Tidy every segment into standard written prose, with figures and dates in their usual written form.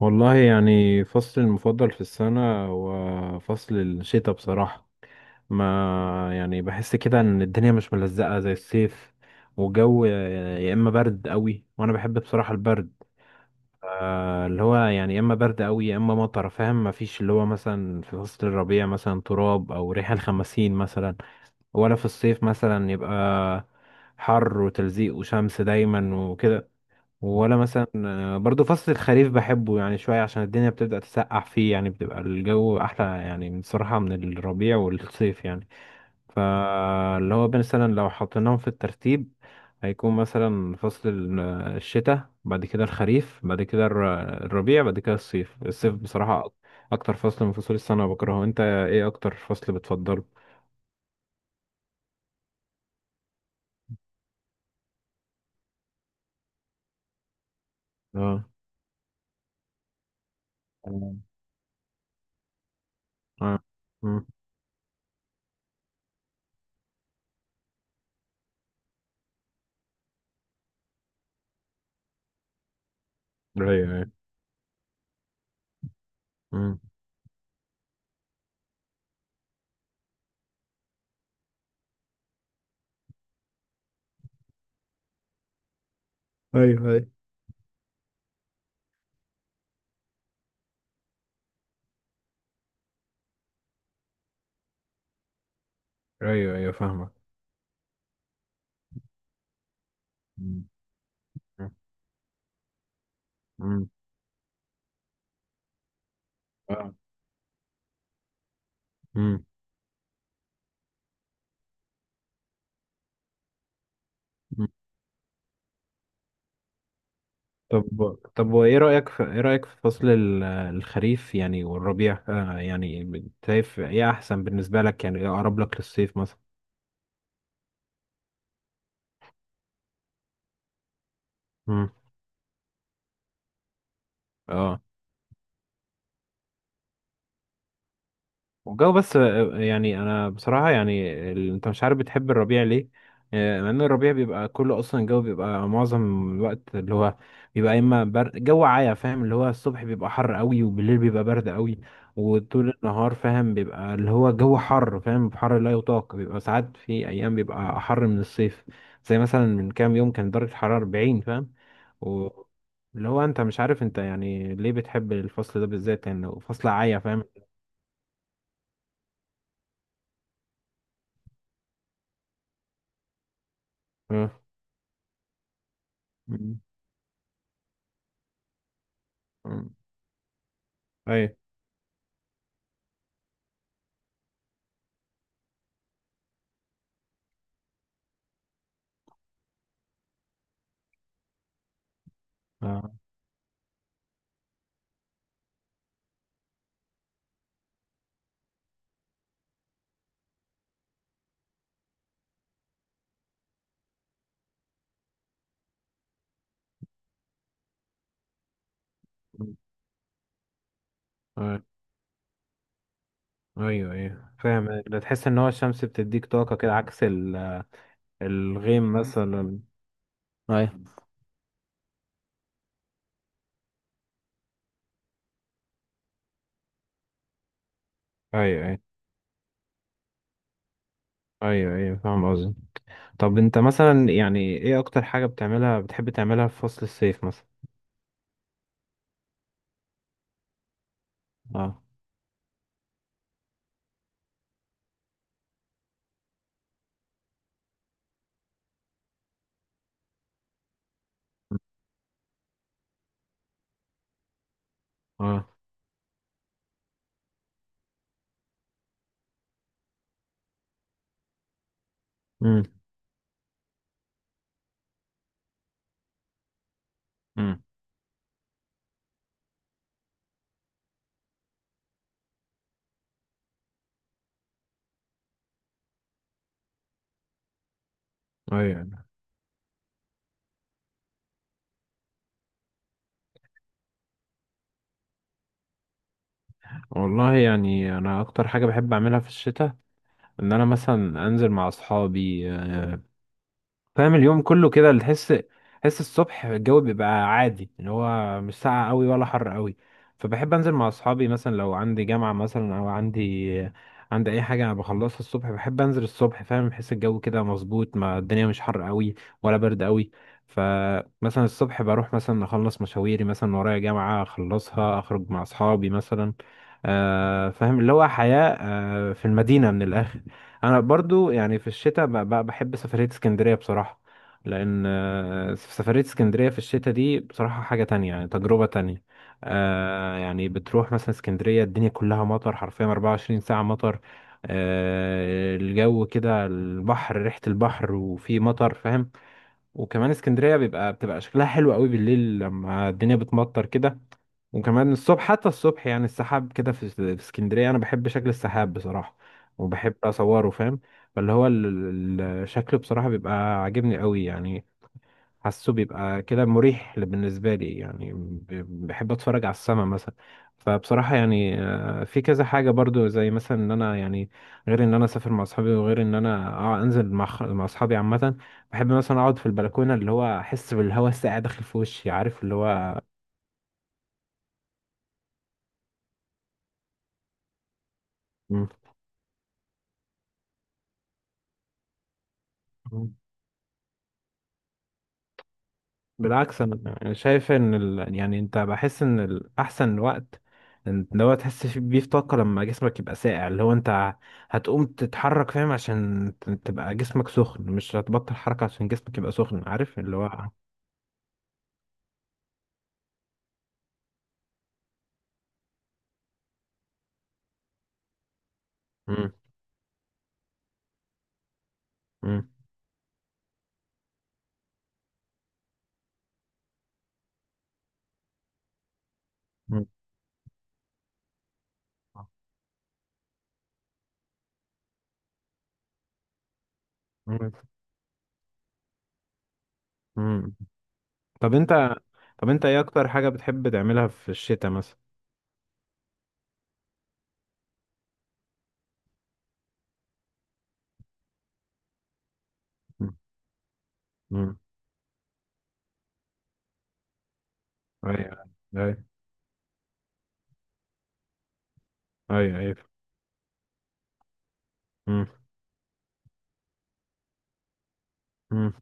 والله يعني فصل المفضل في السنة هو فصل الشتاء بصراحة. ما يعني بحس كده ان الدنيا مش ملزقة زي الصيف. والجو يا اما برد قوي، وانا بحب بصراحة البرد. اللي هو يعني يا اما برد قوي يا اما مطر، فاهم؟ ما فيش اللي هو مثلا في فصل الربيع مثلا تراب او ريحة الخمسين مثلا. ولا في الصيف مثلا يبقى حر وتلزيق وشمس دايما وكده. ولا مثلا برضو فصل الخريف بحبه يعني شوية عشان الدنيا بتبدأ تسقع فيه، يعني بتبقى الجو أحلى يعني بصراحة من الربيع والصيف يعني. فاللي هو مثلا لو حطيناهم في الترتيب، هيكون مثلا فصل الشتاء، بعد كده الخريف، بعد كده الربيع، بعد كده الصيف. الصيف بصراحة أكتر فصل من فصول السنة بكرهه. أنت إيه أكتر فصل بتفضله؟ اه. تمام. اه. مم. أيوه أيوه. مم. ايوه ايوه. أيوه أيوه فاهمك. مم. مم. آه. مم. مم. طب وايه رأيك في ايه رأيك في فصل الخريف يعني والربيع، يعني شايف ايه احسن بالنسبة لك يعني؟ ايه اقرب لك للصيف مثلا؟ مم. اه. والجو بس، يعني انا بصراحه يعني انت مش عارف بتحب الربيع ليه؟ مع ان الربيع بيبقى كله اصلا الجو بيبقى معظم الوقت اللي هو بيبقى يا اما برد جو عايا فاهم، اللي هو الصبح بيبقى حر قوي وبالليل بيبقى برد قوي. وطول النهار فاهم بيبقى اللي هو جو حر فاهم، حر لا يطاق، بيبقى ساعات في ايام بيبقى حر من الصيف. زي مثلا من كام يوم كان درجه الحراره 40 فاهم. و اللي هو انت مش عارف انت يعني ليه بتحب الفصل ده بالذات يعني؟ فصل عايا فاهم. آه. مم. ايوه. آه. مم. آه. ايوه ايوه فاهم. ده تحس ان هو الشمس بتديك طاقة كده، عكس الغيم مثلا. ايوه ايوه. ايوه ايوه. ايوه فاهم قصدي. طب انت مثلا يعني ايه اكتر حاجة بتعملها، بتحب تعملها في فصل الصيف مثلا؟ اه. اه. امم. امم. ايوه. والله يعني انا اكتر حاجه بحب اعملها في الشتاء ان انا مثلا انزل مع اصحابي. فاهم؟ اليوم كله كده اللي تحس، تحس الصبح الجو بيبقى عادي اللي هو مش ساقع قوي ولا حر قوي. فبحب انزل مع اصحابي مثلا لو عندي جامعة مثلا او عندي اي حاجة انا بخلصها الصبح. بحب انزل الصبح فاهم، بحس الجو كده مظبوط، ما الدنيا مش حر قوي ولا برد قوي. فمثلا الصبح بروح مثلا اخلص مشاويري مثلا، ورايا جامعة اخلصها، اخرج مع اصحابي مثلا. آه فاهم اللي هو حياة في المدينة من الاخر. انا برضو يعني في الشتاء بحب سفرية اسكندرية بصراحة، لان سفرية اسكندرية في الشتاء دي بصراحة حاجة تانية يعني، تجربة تانية. يعني بتروح مثلا اسكندرية الدنيا كلها مطر، حرفيا 24 ساعة مطر. الجو كده البحر ريحة البحر وفي مطر فاهم. وكمان اسكندرية بيبقى بتبقى شكلها حلو قوي بالليل لما الدنيا بتمطر كده. وكمان الصبح، حتى الصبح يعني السحاب كده في اسكندرية أنا بحب شكل السحاب بصراحة، وبحب أصوره فاهم. فاللي هو الشكل بصراحة بيبقى عاجبني قوي يعني. حاسه بيبقى كده مريح بالنسبة لي يعني، بحب اتفرج على السما مثلا. فبصراحة يعني في كذا حاجة برضو زي مثلا ان انا يعني، غير ان انا اسافر مع اصحابي وغير ان انا انزل مع مع اصحابي عامة. بحب مثلا اقعد في البلكونة اللي هو احس بالهواء الساقع داخل في وشي، عارف اللي هو. مم. بالعكس انا شايف ان يعني انت بحس ان الاحسن وقت، إن اللي هو تحس بيه في طاقه لما جسمك يبقى ساقع، اللي هو انت هتقوم تتحرك فاهم عشان تبقى جسمك سخن، مش هتبطل حركه عشان جسمك يبقى سخن، عارف اللي هو. مم. مم. مم. مم. مم. طب انت طب انت ايه اكتر حاجه بتحب تعملها في الشتاء مثلا؟ مم. مم. ايوه ايوه. ايوه ايوه. مم. مم.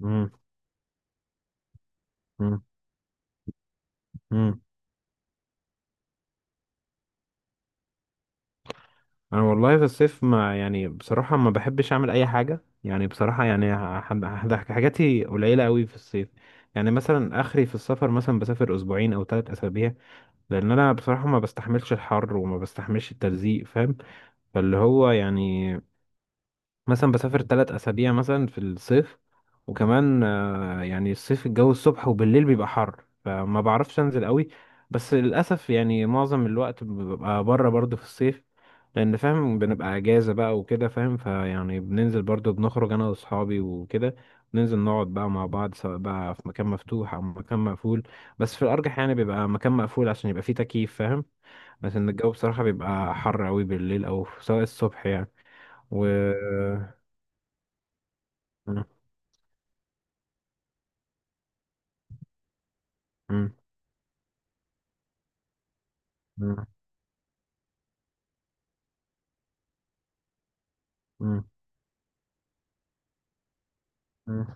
مم. مم. انا والله في الصيف ما يعني بصراحة ما بحبش اعمل اي حاجة يعني بصراحة، يعني حاجاتي قليلة قوي في الصيف. يعني مثلا اخري في السفر مثلا، بسافر اسبوعين او 3 اسابيع، لان انا بصراحة ما بستحملش الحر وما بستحملش التلزيق فاهم. فاللي هو يعني مثلا بسافر 3 اسابيع مثلا في الصيف. وكمان يعني الصيف الجو الصبح وبالليل بيبقى حر، فما بعرفش انزل قوي. بس للاسف يعني معظم الوقت ببقى بره برضو في الصيف، لان فاهم بنبقى اجازه بقى وكده فاهم، فيعني بننزل برضو، بنخرج انا واصحابي وكده. ننزل نقعد بقى مع بعض سواء بقى في مكان مفتوح او مكان مقفول، بس في الارجح يعني بيبقى مكان مقفول عشان يبقى فيه تكييف فاهم. بس ان الجو بصراحه بيبقى حر قوي بالليل او سواء الصبح يعني. و مم. مم. مم. مم.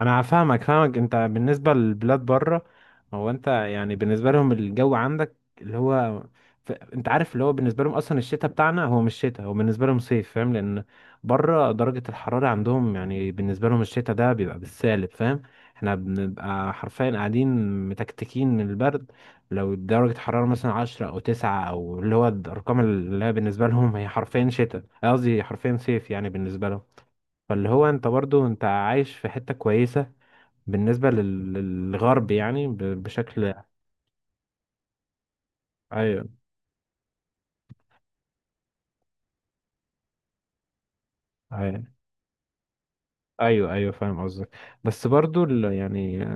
انا فاهمك انت بالنسبه للبلاد بره. هو انت يعني بالنسبه لهم الجو عندك اللي هو انت عارف اللي هو بالنسبه لهم اصلا الشتاء بتاعنا هو مش شتاء، هو بالنسبه لهم صيف فاهم، لان بره درجه الحراره عندهم يعني بالنسبه لهم الشتاء ده بيبقى بالسالب فاهم. احنا بنبقى حرفيا قاعدين متكتكين من البرد. لو درجه الحراره مثلا 10 او 9 او اللي هو الارقام اللي هي بالنسبه لهم هي حرفيا شتاء، قصدي حرفيا صيف يعني بالنسبه لهم. فاللي هو انت برضو انت عايش في حتة كويسة بالنسبة للغرب يعني، بشكل. ايوه ايوه. ايوه ايوه فاهم قصدك. بس برضو يعني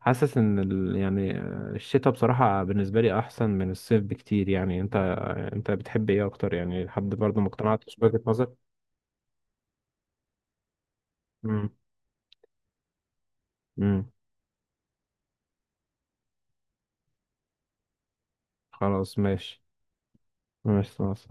حاسس ان يعني الشتاء بصراحة بالنسبة لي احسن من الصيف بكتير يعني، انت انت بتحب ايه اكتر يعني؟ لحد برضو ما اقتنعتش بوجهة نظرك. امم. امم. خلاص ماشي. ماشي خلاص.